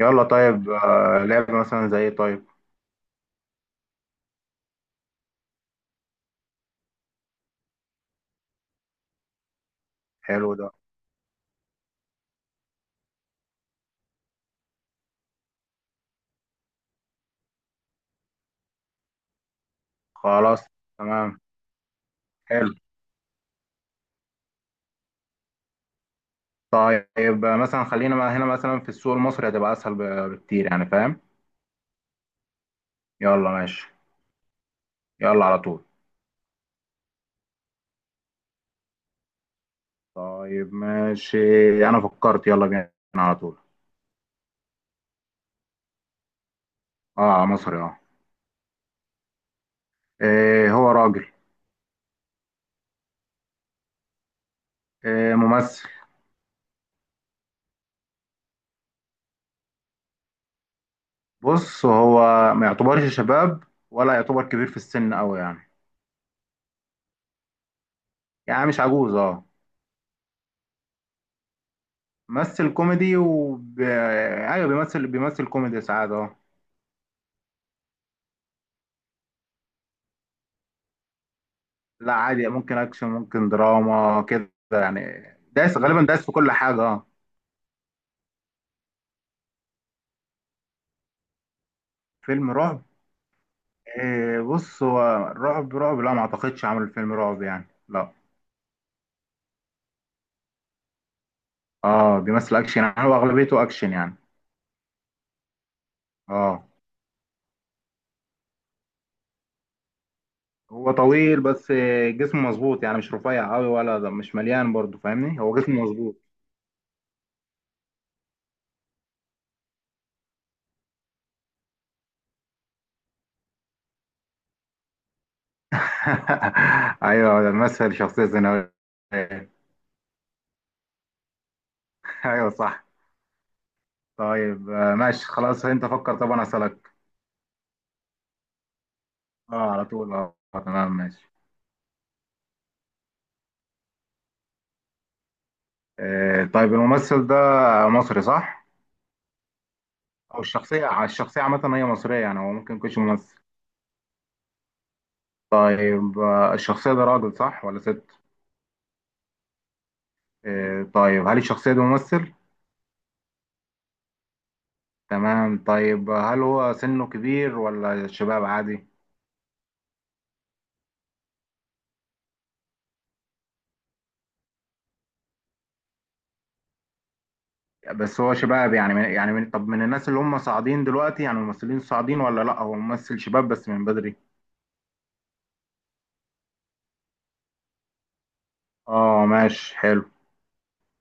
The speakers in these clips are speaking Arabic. يلا طيب لعبة مثلا زي طيب. حلو ده. خلاص. تمام. حلو. طيب مثلا خلينا ما هنا مثلا في السوق المصري هتبقى أسهل بكتير يعني فاهم. يلا ماشي. يلا على طول. طيب ماشي، أنا فكرت يلا بينا على طول. اه مصري اه. إيه هو راجل. إيه ممثل. بص هو ما يعتبرش شباب ولا يعتبر كبير في السن أوي يعني. يعني مش عجوز اه. ممثل كوميدي ايوه بيمثل كوميدي ساعات اه. لا عادي، ممكن اكشن ممكن دراما كده يعني. دايس غالبا، دايس في كل حاجه اه. فيلم رعب؟ إيه بص هو رعب لا ما اعتقدش عمل فيلم رعب يعني لا. اه بيمثل اكشن، يعني هو اغلبيته اكشن يعني. اه هو طويل بس جسمه مظبوط، يعني مش رفيع قوي ولا ده مش مليان برضه، فاهمني؟ هو جسمه مظبوط. ايوه ده مثل شخصيه ثانويه. ايوه صح. طيب ماشي خلاص، انت فكر طب انا اسالك. اه على طول اه، تمام ماشي. طيب الممثل ده مصري صح؟ أو الشخصية، الشخصية عامة هي مصرية يعني، هو ممكن يكونش ممثل. طيب الشخصية ده راجل صح ولا ست؟ طيب هل الشخصية دي ممثل؟ تمام. طيب هل هو سنه كبير ولا شباب عادي؟ بس هو شباب، يعني من يعني من طب من الناس اللي هم صاعدين دلوقتي، يعني الممثلين صاعدين ولا لا؟ هو ممثل شباب بس من بدري. اه ماشي حلو.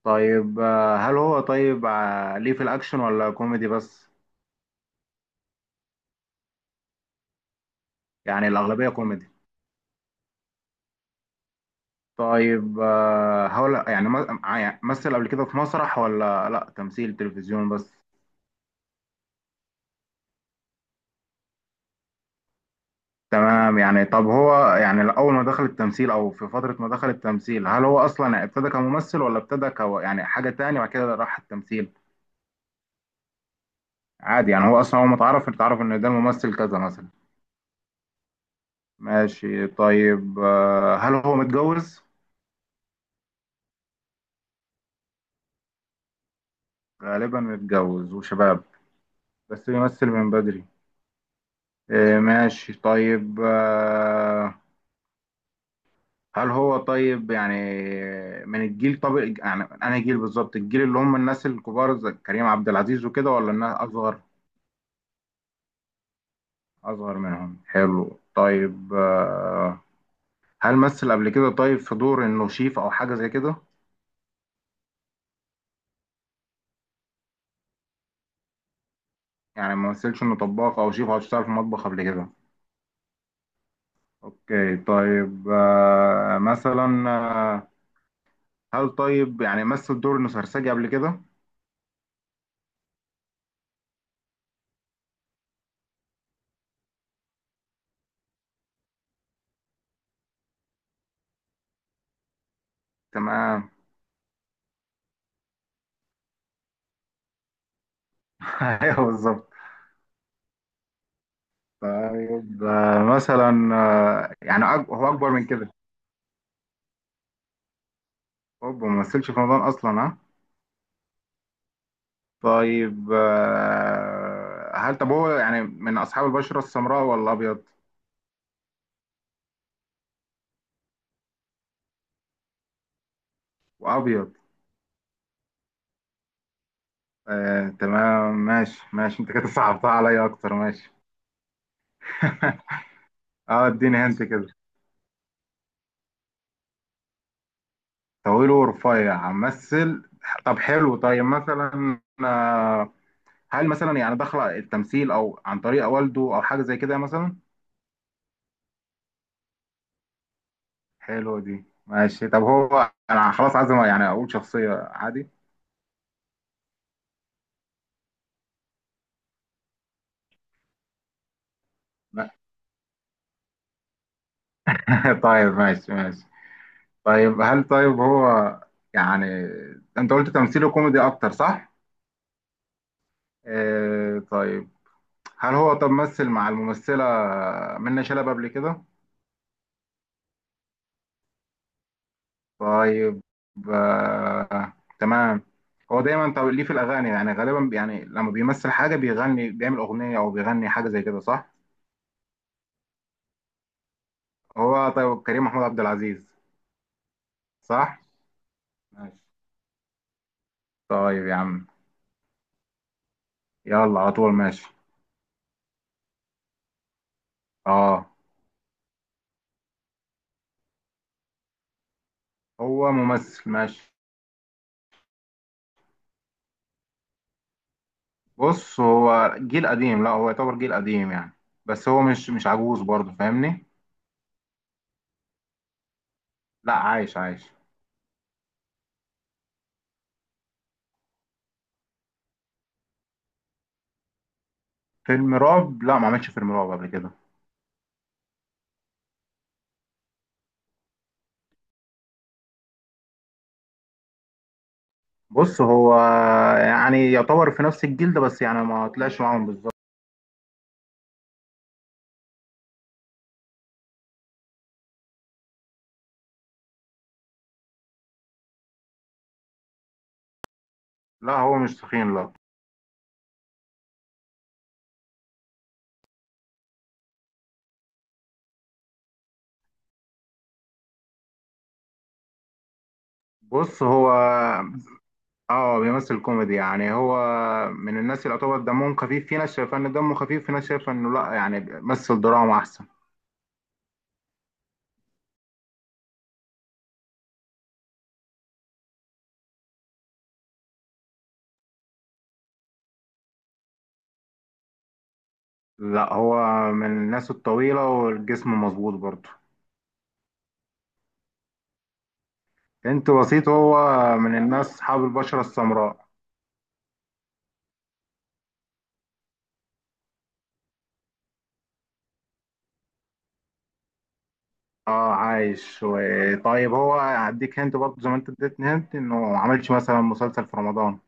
طيب هل هو طيب ليه في الاكشن ولا كوميدي بس؟ يعني الاغلبية كوميدي. طيب هقول يعني يعني مثل قبل كده في مسرح ولا لا، تمثيل تلفزيون بس. تمام يعني، طب هو يعني اول ما دخل التمثيل او في فترة ما دخل التمثيل هل هو اصلا ابتدى كممثل ولا ابتدى ك يعني حاجة تانية بعد كده راح التمثيل؟ عادي يعني هو اصلا، هو متعرف اتعرف ان ده ممثل كذا مثلا. ماشي. طيب هل هو متجوز؟ غالبا متجوز وشباب، بس بيمثل من بدري. ماشي. طيب هل هو طيب يعني من الجيل، طب يعني انا جيل بالظبط، الجيل اللي هم الناس الكبار زي كريم عبد العزيز وكده ولا الناس اصغر؟ اصغر منهم حلو. طيب هل مثل قبل كده طيب في دور انه شيف او حاجه زي كده؟ يعني ما مثلش انه طباخ او شيف او اشتغل في مطبخ قبل كده؟ اوكي. طيب مثلا هل طيب يعني مثل دور انه سرسجي قبل كده؟ تمام. ايوه بالظبط. طيب مثلا يعني هو اكبر من كده. اوبا، ما مثلش في رمضان اصلا ها. طيب هل طب هو يعني من اصحاب البشره السمراء ولا ابيض؟ وابيض. آه تمام ماشي ماشي، انت كده صعبتها عليا اكتر، ماشي. اه اديني هنت كده. طويل ورفيع مثل. طب حلو. طيب مثلا آه، هل مثلا يعني دخل التمثيل او عن طريق والده او حاجه زي كده مثلا؟ حلو دي ماشي. طب هو انا خلاص عايز يعني اقول شخصيه عادي. طيب ماشي ماشي. طيب هل طيب هو يعني، انت قلت تمثيله كوميدي اكتر صح؟ آه طيب، هل هو طب مثل مع الممثلة منة شلبي قبل كده؟ طيب آه، تمام. هو دايما طب ليه في الاغاني، يعني غالبا يعني لما بيمثل حاجة بيغني، بيعمل اغنية او بيغني حاجة زي كده صح؟ هو طيب كريم محمود عبد العزيز صح؟ ماشي طيب يا عم. يلا على طول ماشي. اه هو ممثل ماشي. بص هو جيل قديم، لا هو يعتبر جيل قديم يعني. بس هو مش عجوز برضه، فاهمني؟ لا عايش عايش. فيلم رعب، لا ما عملش فيلم رعب قبل كده. بص هو يعني يعتبر في نفس الجيل ده بس يعني ما طلعش معاهم بالظبط. لا هو مش تخين لا. بص هو اه بيمثل كوميدي، يعني هو من الناس اللي يعتبر دمهم خفيف، في ناس شايفه ان دمه خفيف في ناس شايفه انه لا يعني مثل دراما احسن. لا هو من الناس الطويله والجسم مظبوط برضه. انت بسيط، هو من الناس اصحاب البشرة السمراء. اه عايش و... طيب هو هديك هنت برضه زي ما انت اديتني هنت، انه ما عملش مثلا مسلسل في رمضان.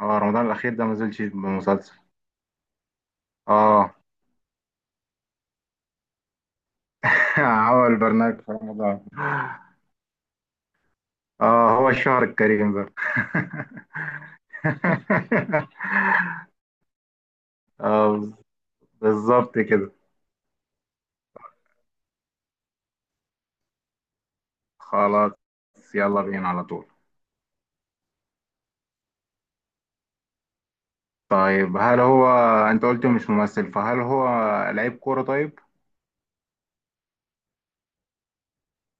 اه رمضان الاخير ده ما نزلش بمسلسل. اه. عمل برنامج في رمضان. اه هو الشهر الكريم ده. آه بالظبط كده. خلاص يلا بينا على طول. طيب هل هو، انت قلت مش ممثل فهل هو لعيب كورة طيب؟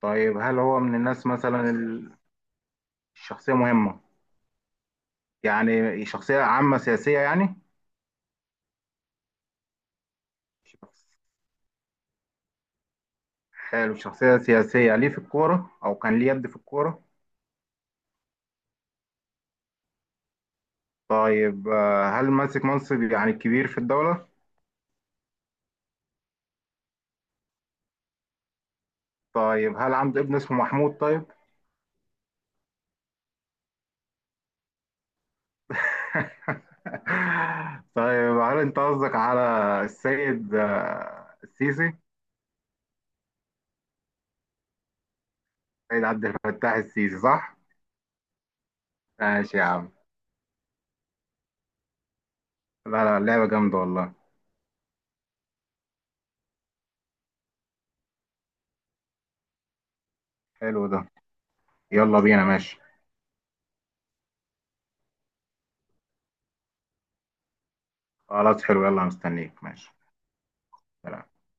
طيب هل هو من الناس مثلا الشخصية مهمة؟ يعني شخصية عامة سياسية يعني؟ شخص- حلو، شخصية سياسية ليه في الكورة أو كان ليه يد في الكورة؟ طيب هل ماسك منصب يعني كبير في الدولة؟ طيب هل عنده ابن اسمه محمود طيب؟ طيب هل أنت قصدك على السيد السيسي؟ سيد عبد الفتاح السيسي صح؟ ماشي يا عم. لا لا، اللعبة جامدة والله. حلو ده، يلا بينا ماشي. خلاص حلو، يلا مستنيك ماشي. سلام.